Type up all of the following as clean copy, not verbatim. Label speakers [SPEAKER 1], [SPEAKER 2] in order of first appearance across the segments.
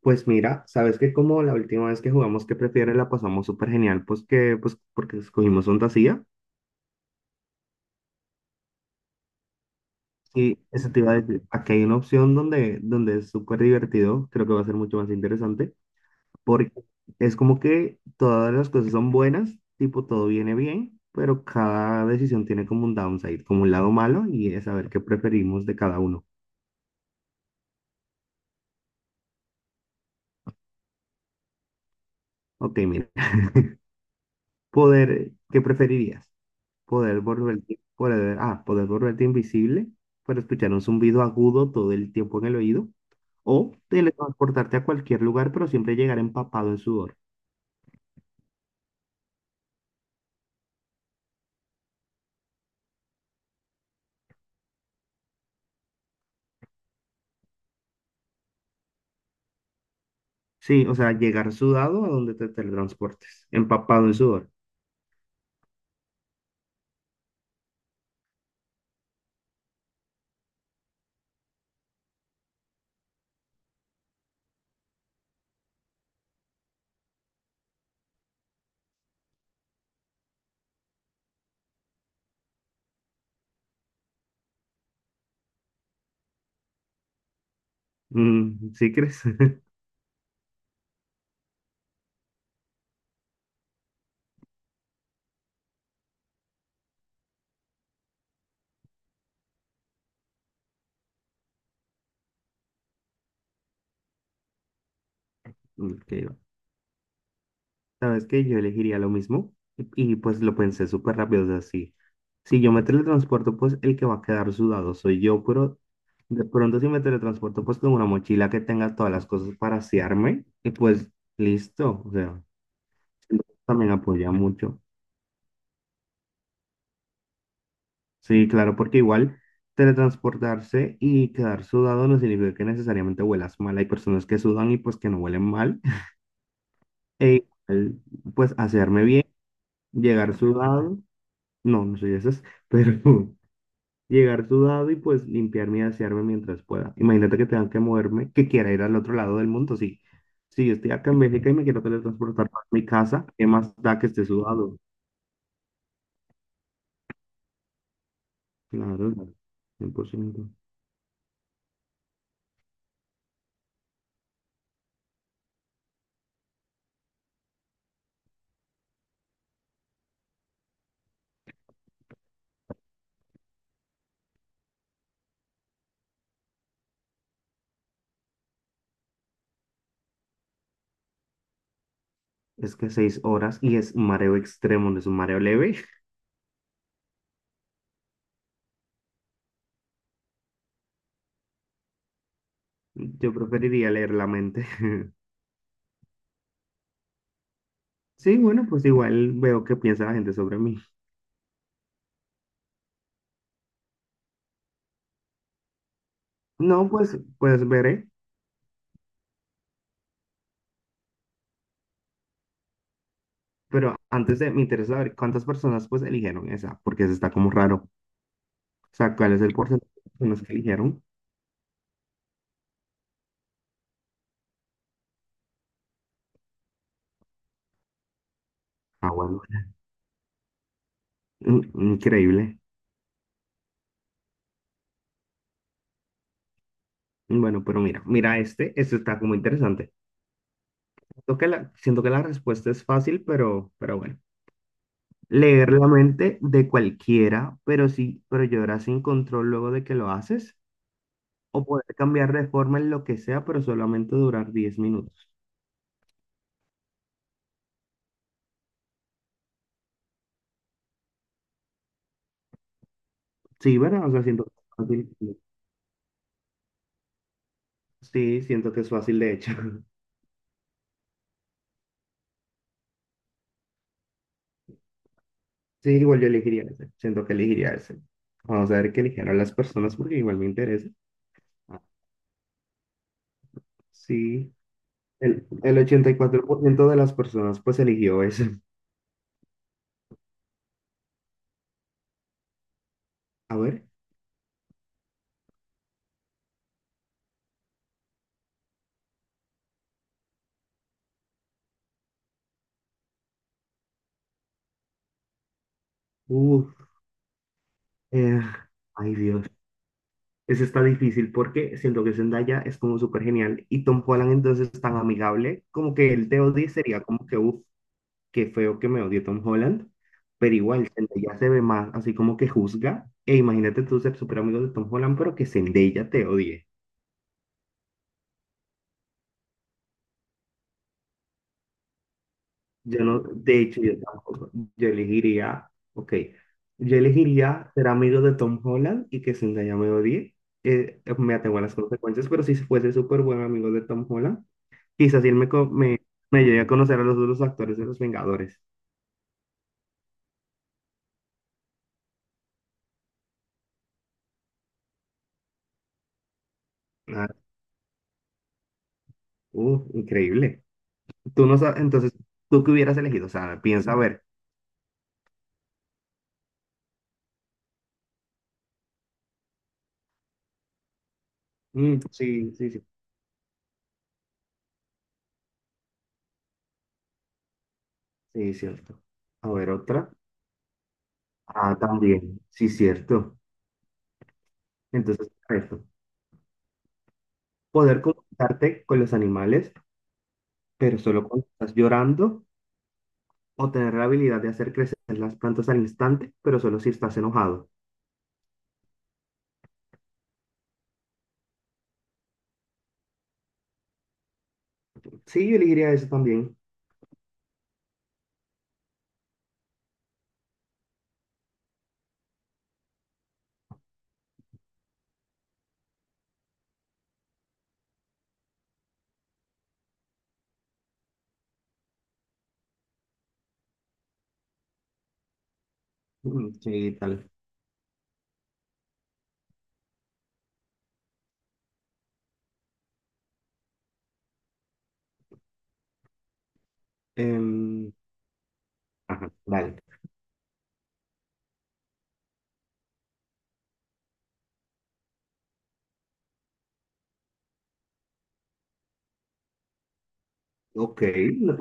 [SPEAKER 1] Pues mira, sabes que como la última vez que jugamos que prefieres la pasamos súper genial, pues porque escogimos fantasía y eso te iba a decir, aquí hay una opción donde es súper divertido, creo que va a ser mucho más interesante, porque es como que todas las cosas son buenas, tipo todo viene bien, pero cada decisión tiene como un downside, como un lado malo y es saber qué preferimos de cada uno. Ok, mira, ¿qué preferirías? Poder volverte invisible para escuchar un zumbido agudo todo el tiempo en el oído. O teletransportarte a cualquier lugar, pero siempre llegar empapado en sudor. Sí, o sea, llegar sudado a donde te teletransportes. Empapado en sudor. Mm, ¿sí crees? Ok, sabes que yo elegiría lo mismo y pues lo pensé súper rápido, o sea, sí. Si yo me teletransporto, pues el que va a quedar sudado soy yo, pero de pronto si me teletransporto, pues con una mochila que tenga todas las cosas para asearme, y pues listo, o sea, siento que también apoya mucho. Sí, claro, porque igual teletransportarse y quedar sudado no significa que necesariamente huelas mal. Hay personas que sudan y pues que no huelen mal. E igual, pues asearme bien, llegar sudado, no soy esas, pero... llegar sudado y pues limpiarme y asearme mientras pueda. Imagínate que tenga que moverme, que quiera ir al otro lado del mundo. Sí, si yo estoy acá en Bélgica y me quiero teletransportar a mi casa, ¿qué más da que esté sudado? Claro, 100%. Es que 6 horas y es mareo extremo, no es un mareo leve. Yo preferiría leer la mente. Sí, bueno, pues igual veo qué piensa la gente sobre mí. No, pues veré. Me interesa saber cuántas personas pues eligieron esa, porque eso está como raro. O sea, ¿cuál es el porcentaje de personas que eligieron? Ah, bueno, increíble. Bueno, pero mira este, este está como interesante. Siento que la respuesta es fácil, pero bueno. Leer la mente de cualquiera, pero llorar sin control luego de que lo haces. O poder cambiar de forma en lo que sea, pero solamente durar 10 minutos. Sí, ¿verdad? O sea, siento que es fácil. Sí, siento que es fácil, de hecho. Sí, igual yo elegiría ese. Siento que elegiría ese. Vamos a ver qué eligieron las personas porque igual me interesa. Sí, el 84% de las personas pues eligió ese. A ver, uf, eh, ay Dios, ese está difícil porque siento que Zendaya es como súper genial y Tom Holland entonces es tan amigable, como que el te odie sería como que, uff, qué feo que me odie Tom Holland, pero igual Zendaya se ve más así como que juzga, e imagínate tú ser súper amigo de Tom Holland, pero que Zendaya te odie. Yo no, de hecho, yo tampoco. Yo elegiría, ok, yo elegiría ser amigo de Tom Holland y que Zendaya me odie. Me atengo a las consecuencias, pero si fuese súper buen amigo de Tom Holland, quizás él me, co- me llegue a conocer a los otros actores de Los Vengadores. Ah, increíble. Tú no sabes, entonces, ¿tú qué hubieras elegido? O sea, piensa a ver. Mm, sí, sí, sí. Sí, cierto. A ver, otra. Ah, también. Sí, cierto. Entonces, perfecto. Poder comunicarte con los animales pero solo cuando estás llorando o tener la habilidad de hacer crecer las plantas al instante, pero solo si estás enojado. Sí, yo elegiría eso también. Mm, sí, tal. Em, ajá, vale. Ok, no,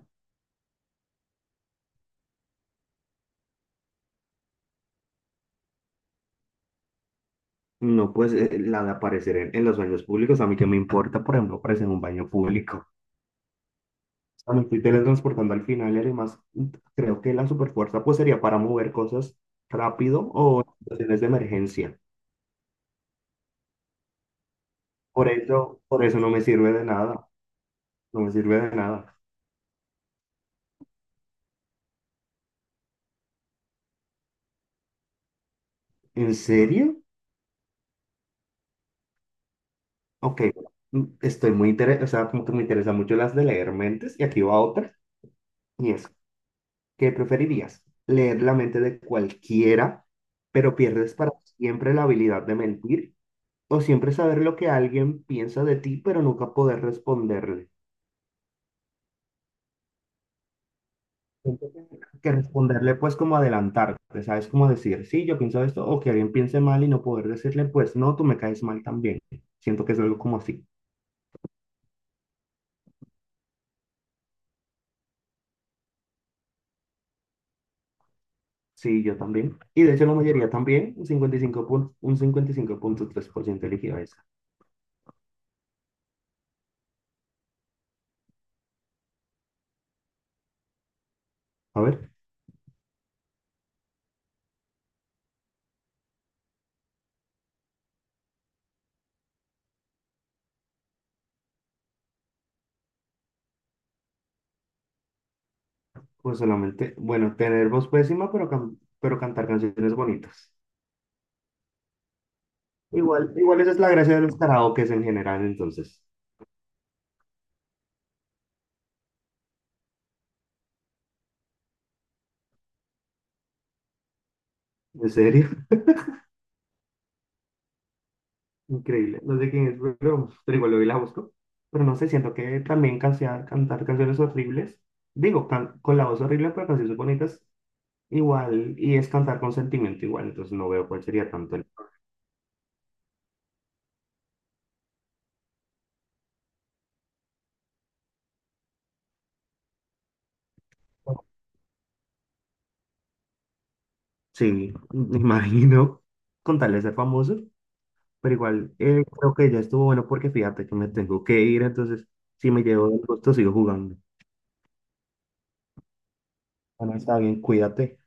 [SPEAKER 1] la de aparecer en los baños públicos, a mí que me importa, por ejemplo, aparecer en un baño público. O sea, me estoy teletransportando al final y además creo que la superfuerza pues sería para mover cosas rápido o en situaciones de emergencia. Por eso no me sirve de nada, no me sirve de nada. ¿En serio? Ok, estoy muy interesado, o sea, como que me interesan mucho las de leer mentes, y aquí va otra, y es, ¿qué preferirías? ¿Leer la mente de cualquiera, pero pierdes para siempre la habilidad de mentir? ¿O siempre saber lo que alguien piensa de ti, pero nunca poder responderle? Siento que responderle, pues, como adelantarte, ¿sabes? Como decir, sí, yo pienso esto, o que alguien piense mal y no poder decirle, pues, no, tú me caes mal también. Siento que es algo como así. Sí, yo también. Y de hecho la mayoría también, un 55,3% eligió esa. A ver, pues solamente, bueno, tener voz pésima, pero cantar canciones bonitas. Igual, igual esa es la gracia de los karaokes en general, entonces. En serio, increíble. No sé quién es, pero igual hoy la busco. Pero no sé, siento que también cantar canciones horribles, digo, con la voz horrible, pero canciones bonitas, igual, y es cantar con sentimiento igual, entonces no veo cuál sería tanto el... Sí, me imagino, con tal de ser famoso, pero igual creo que ya estuvo bueno porque fíjate que me tengo que ir, entonces si me llevo el gusto sigo jugando. Bueno, está bien, cuídate.